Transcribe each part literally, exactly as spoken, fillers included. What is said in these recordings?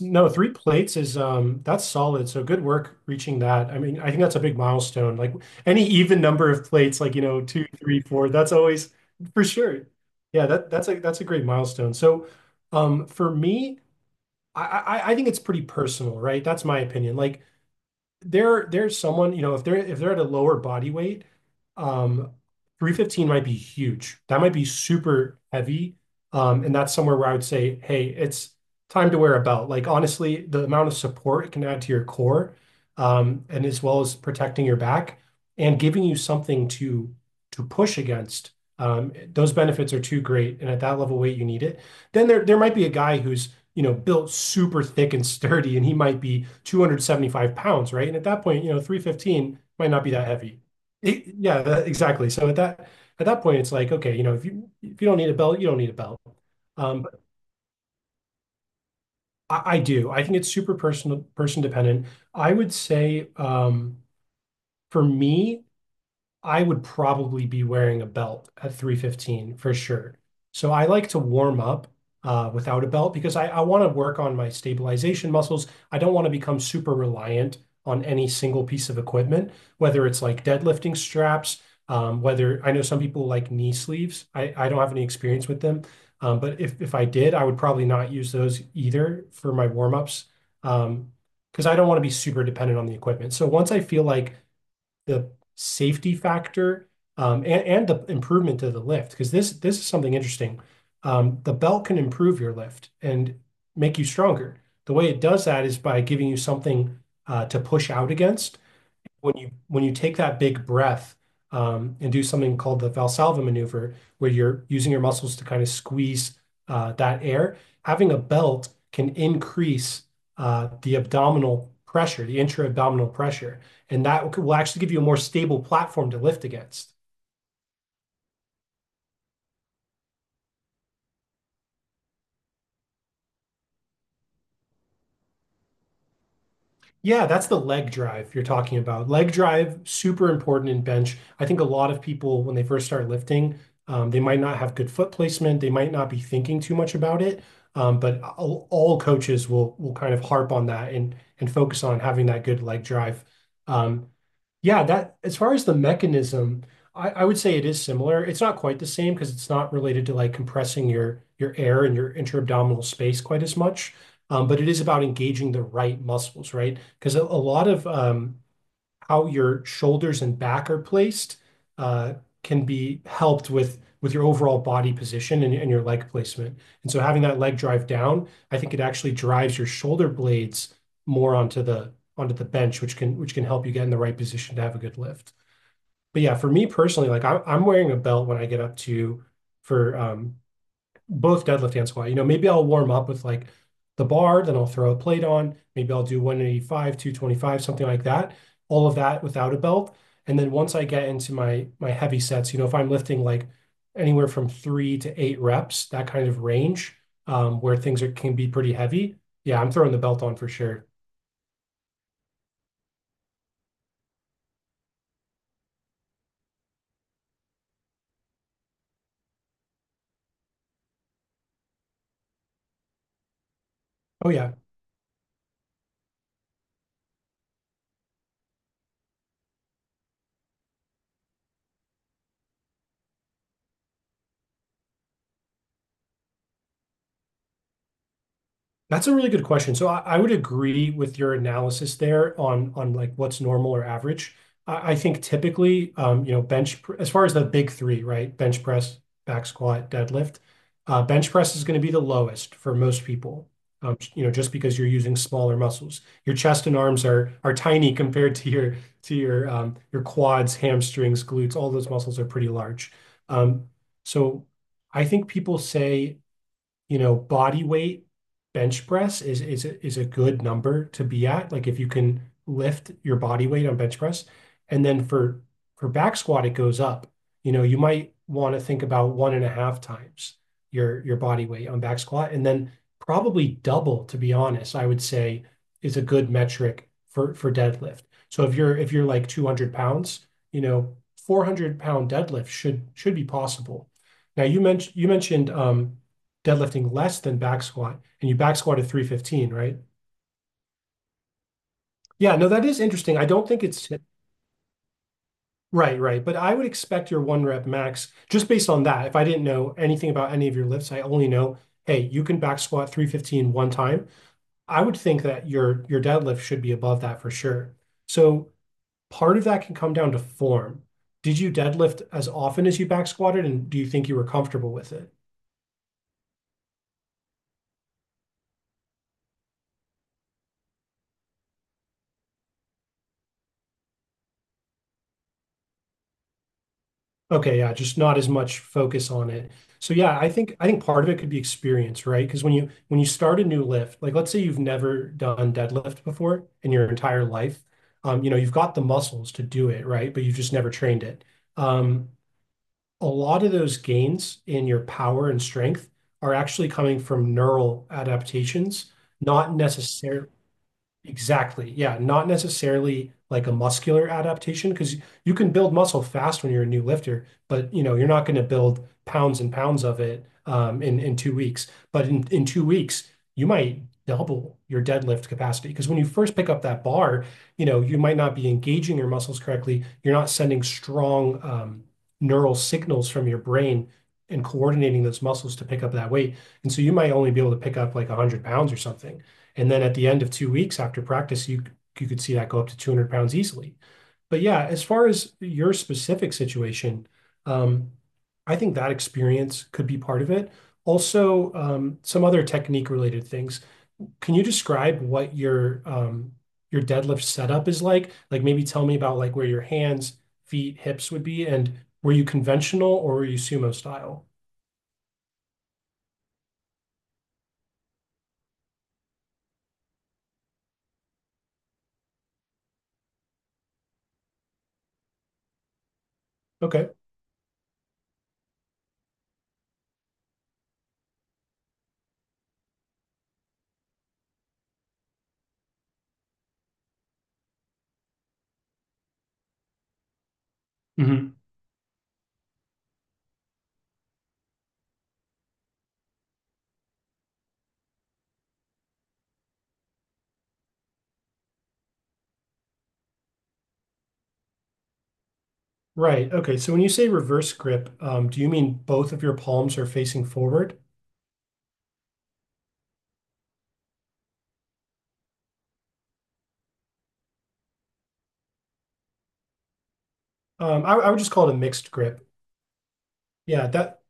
No, three plates is um that's solid. So good work reaching that. I mean, I think that's a big milestone. Like any even number of plates, like you know, two, three, four, that's always for sure. Yeah, that that's a that's a great milestone. So um for me, I I, I think it's pretty personal, right? That's my opinion. Like there there's someone, you know, if they're if they're at a lower body weight, um, three fifteen might be huge. That might be super heavy. Um, and that's somewhere where I would say, hey, it's time to wear a belt. Like honestly, the amount of support it can add to your core, um, and as well as protecting your back and giving you something to to push against. Um, those benefits are too great. And at that level weight, you need it. Then there there might be a guy who's you know, built super thick and sturdy, and he might be two hundred seventy-five pounds, right? And at that point, you know, three fifteen might not be that heavy. It- yeah, that, exactly. So at that at that point, it's like, okay, you know, if you if you don't need a belt, you don't need a belt. Um, but I, I do. I think it's super personal, person dependent. I would say, um, for me, I would probably be wearing a belt at three fifteen for sure. So I like to warm up uh, without a belt because I, I want to work on my stabilization muscles. I don't want to become super reliant on any single piece of equipment, whether it's like deadlifting straps, um, whether I know some people like knee sleeves. I, I don't have any experience with them. Um, but if, if I did, I would probably not use those either for my warm ups um, because I don't want to be super dependent on the equipment. So once I feel like the safety factor um, and, and the improvement to the lift because this this is something interesting. Um, the belt can improve your lift and make you stronger. The way it does that is by giving you something uh, to push out against when you when you take that big breath um, and do something called the Valsalva maneuver, where you're using your muscles to kind of squeeze uh, that air, having a belt can increase uh, the abdominal pressure, the intra-abdominal pressure, and that will actually give you a more stable platform to lift against. Yeah, that's the leg drive you're talking about. Leg drive, super important in bench. I think a lot of people, when they first start lifting, um, they might not have good foot placement. They might not be thinking too much about it. Um, but all, all coaches will will kind of harp on that and and focus on having that good leg drive. Um, yeah, that as far as the mechanism, I, I would say it is similar. It's not quite the same because it's not related to like compressing your your air and your interabdominal space quite as much. Um, but it is about engaging the right muscles, right? Because a, a lot of um, how your shoulders and back are placed uh, can be helped with with your overall body position and and your leg placement. And so, having that leg drive down, I think it actually drives your shoulder blades more onto the onto the bench, which can which can help you get in the right position to have a good lift. But yeah, for me personally, like I, I'm wearing a belt when I get up to for um, both deadlift and squat. You know, maybe I'll warm up with like the bar, then I'll throw a plate on. Maybe I'll do one eighty-five, two twenty-five, something like that. All of that without a belt. And then once I get into my my heavy sets, you know, if I'm lifting like anywhere from three to eight reps, that kind of range, um, where things are can be pretty heavy. Yeah, I'm throwing the belt on for sure. Oh yeah. That's a really good question. So I, I would agree with your analysis there on on like what's normal or average. I, I think typically, um, you know, bench pr- as far as the big three, right? Bench press, back squat, deadlift. Uh, bench press is going to be the lowest for most people. Um, you know, just because you're using smaller muscles, your chest and arms are are tiny compared to your to your um, your quads, hamstrings, glutes. All those muscles are pretty large. Um, so I think people say you know, body weight bench press is is a, is a good number to be at. Like if you can lift your body weight on bench press, and then for for back squat it goes up. You know, you might want to think about one and a half times your your body weight on back squat, and then probably double, to be honest, I would say is a good metric for for deadlift. So if you're if you're like two hundred pounds, you know, four hundred pound deadlift should should be possible. Now you mentioned you mentioned um, deadlifting less than back squat, and you back squatted three fifteen, right? Yeah, no, that is interesting. I don't think it's right, right. But I would expect your one rep max just based on that. If I didn't know anything about any of your lifts, I only know, hey, you can back squat three fifteen one time. I would think that your your deadlift should be above that for sure. So part of that can come down to form. Did you deadlift as often as you back squatted, and do you think you were comfortable with it? Okay, yeah, just not as much focus on it. So yeah, I think I think part of it could be experience, right? Because when you when you start a new lift, like let's say you've never done deadlift before in your entire life, um, you know, you've got the muscles to do it, right? But you've just never trained it. Um, a lot of those gains in your power and strength are actually coming from neural adaptations, not necessarily exactly. Yeah. Not necessarily like a muscular adaptation because you can build muscle fast when you're a new lifter, but you know, you're not going to build pounds and pounds of it um, in, in two weeks. But in, in two weeks, you might double your deadlift capacity because when you first pick up that bar, you know, you might not be engaging your muscles correctly. You're not sending strong um, neural signals from your brain and coordinating those muscles to pick up that weight. And so you might only be able to pick up like one hundred pounds or something. And then at the end of two weeks after practice, you you could see that go up to two hundred pounds easily. But yeah, as far as your specific situation, um, I think that experience could be part of it. Also, um, some other technique-related things. Can you describe what your um, your deadlift setup is like? Like maybe tell me about like where your hands, feet, hips would be, and were you conventional or were you sumo style? Okay. Mm-hmm. Right. Okay. So when you say reverse grip, um, do you mean both of your palms are facing forward? Um, I, I would just call it a mixed grip. Yeah, that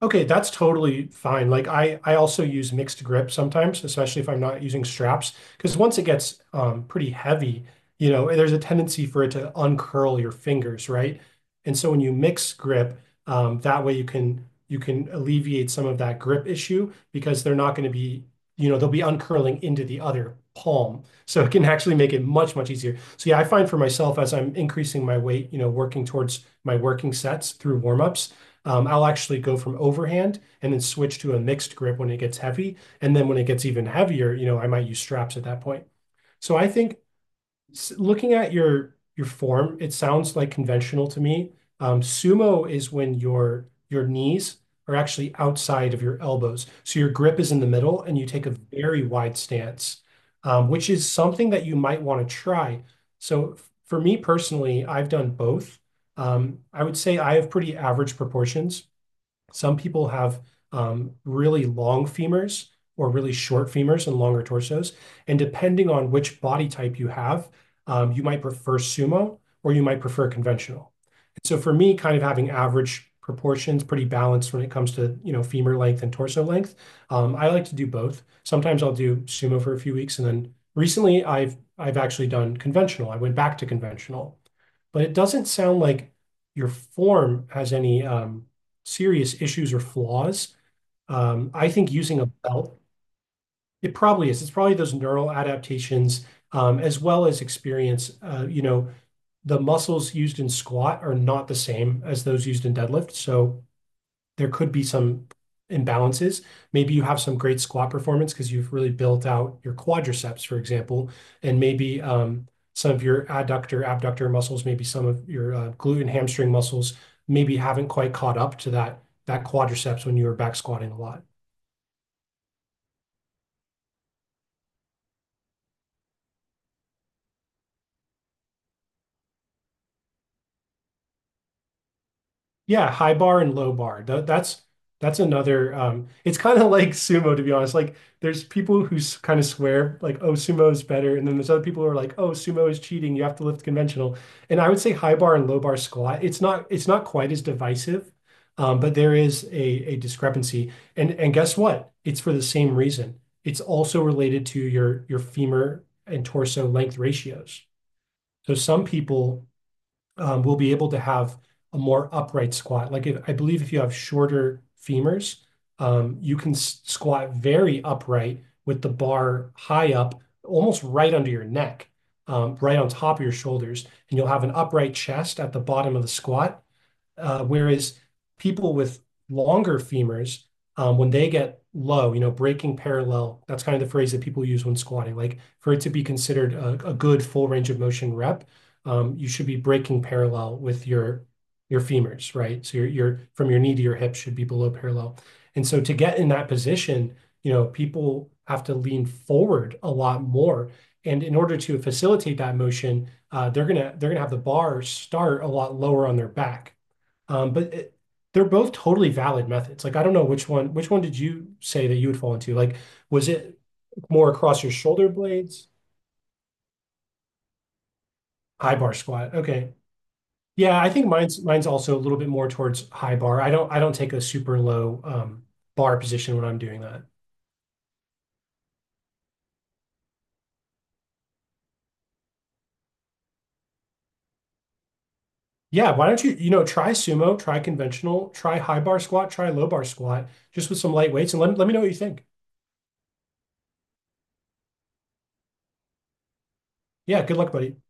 okay, that's totally fine. Like I, I also use mixed grip sometimes, especially if I'm not using straps, because once it gets um, pretty heavy, you know, there's a tendency for it to uncurl your fingers, right? And so when you mix grip, um, that way you can you can alleviate some of that grip issue because they're not going to be, you know, they'll be uncurling into the other palm. So it can actually make it much, much easier. So yeah, I find for myself as I'm increasing my weight, you know, working towards my working sets through warm-ups um, I'll actually go from overhand and then switch to a mixed grip when it gets heavy. And then when it gets even heavier, you know, I might use straps at that point. So I think looking at your your form, it sounds like conventional to me. Um, Sumo is when your your knees are actually outside of your elbows. So your grip is in the middle and you take a very wide stance, um, which is something that you might want to try. So for me personally, I've done both. Um, I would say I have pretty average proportions. Some people have um, really long femurs or really short femurs and longer torsos. And depending on which body type you have, um, you might prefer sumo or you might prefer conventional. So for me, kind of having average proportions, pretty balanced when it comes to, you know, femur length and torso length, Um, I like to do both. Sometimes I'll do sumo for a few weeks, and then recently I've I've actually done conventional. I went back to conventional. But it doesn't sound like your form has any um, serious issues or flaws. Um, I think using a belt, It probably is. It's probably those neural adaptations um, as well as experience. Uh, You know, The muscles used in squat are not the same as those used in deadlift. So there could be some imbalances. Maybe you have some great squat performance because you've really built out your quadriceps, for example, and maybe um, some of your adductor, abductor muscles, maybe some of your uh, glute and hamstring muscles maybe haven't quite caught up to that that quadriceps when you were back squatting a lot. Yeah, high bar and low bar. Tha- that's that's another um it's kind of like sumo, to be honest. Like there's people who kind of swear like, oh, sumo is better, and then there's other people who are like, oh, sumo is cheating, you have to lift conventional. And I would say high bar and low bar squat, It's not it's not quite as divisive. Um, but there is a a discrepancy. And and guess what? It's for the same reason. It's also related to your your femur and torso length ratios. So some people um, we'll be able to have a more upright squat. Like, if, I believe if you have shorter femurs, um, you can squat very upright with the bar high up, almost right under your neck, um, right on top of your shoulders, and you'll have an upright chest at the bottom of the squat, uh, whereas people with longer femurs, um, when they get low, you know, breaking parallel, that's kind of the phrase that people use when squatting. Like, for it to be considered a, a good full range of motion rep, um, you should be breaking parallel with your your femurs, right? So your your from your knee to your hip should be below parallel. And so to get in that position, you know, people have to lean forward a lot more. And in order to facilitate that motion, uh, they're gonna they're gonna have the bar start a lot lower on their back. Um, but it, they're both totally valid methods. Like, I don't know, which one which one did you say that you would fall into? Like, was it more across your shoulder blades? High bar squat. Okay. Yeah, I think mine's mine's also a little bit more towards high bar. I don't I don't take a super low um, bar position when I'm doing that. Yeah, why don't you, you know, try sumo, try conventional, try high bar squat, try low bar squat, just with some light weights, and let let me know what you think. Yeah, good luck, buddy.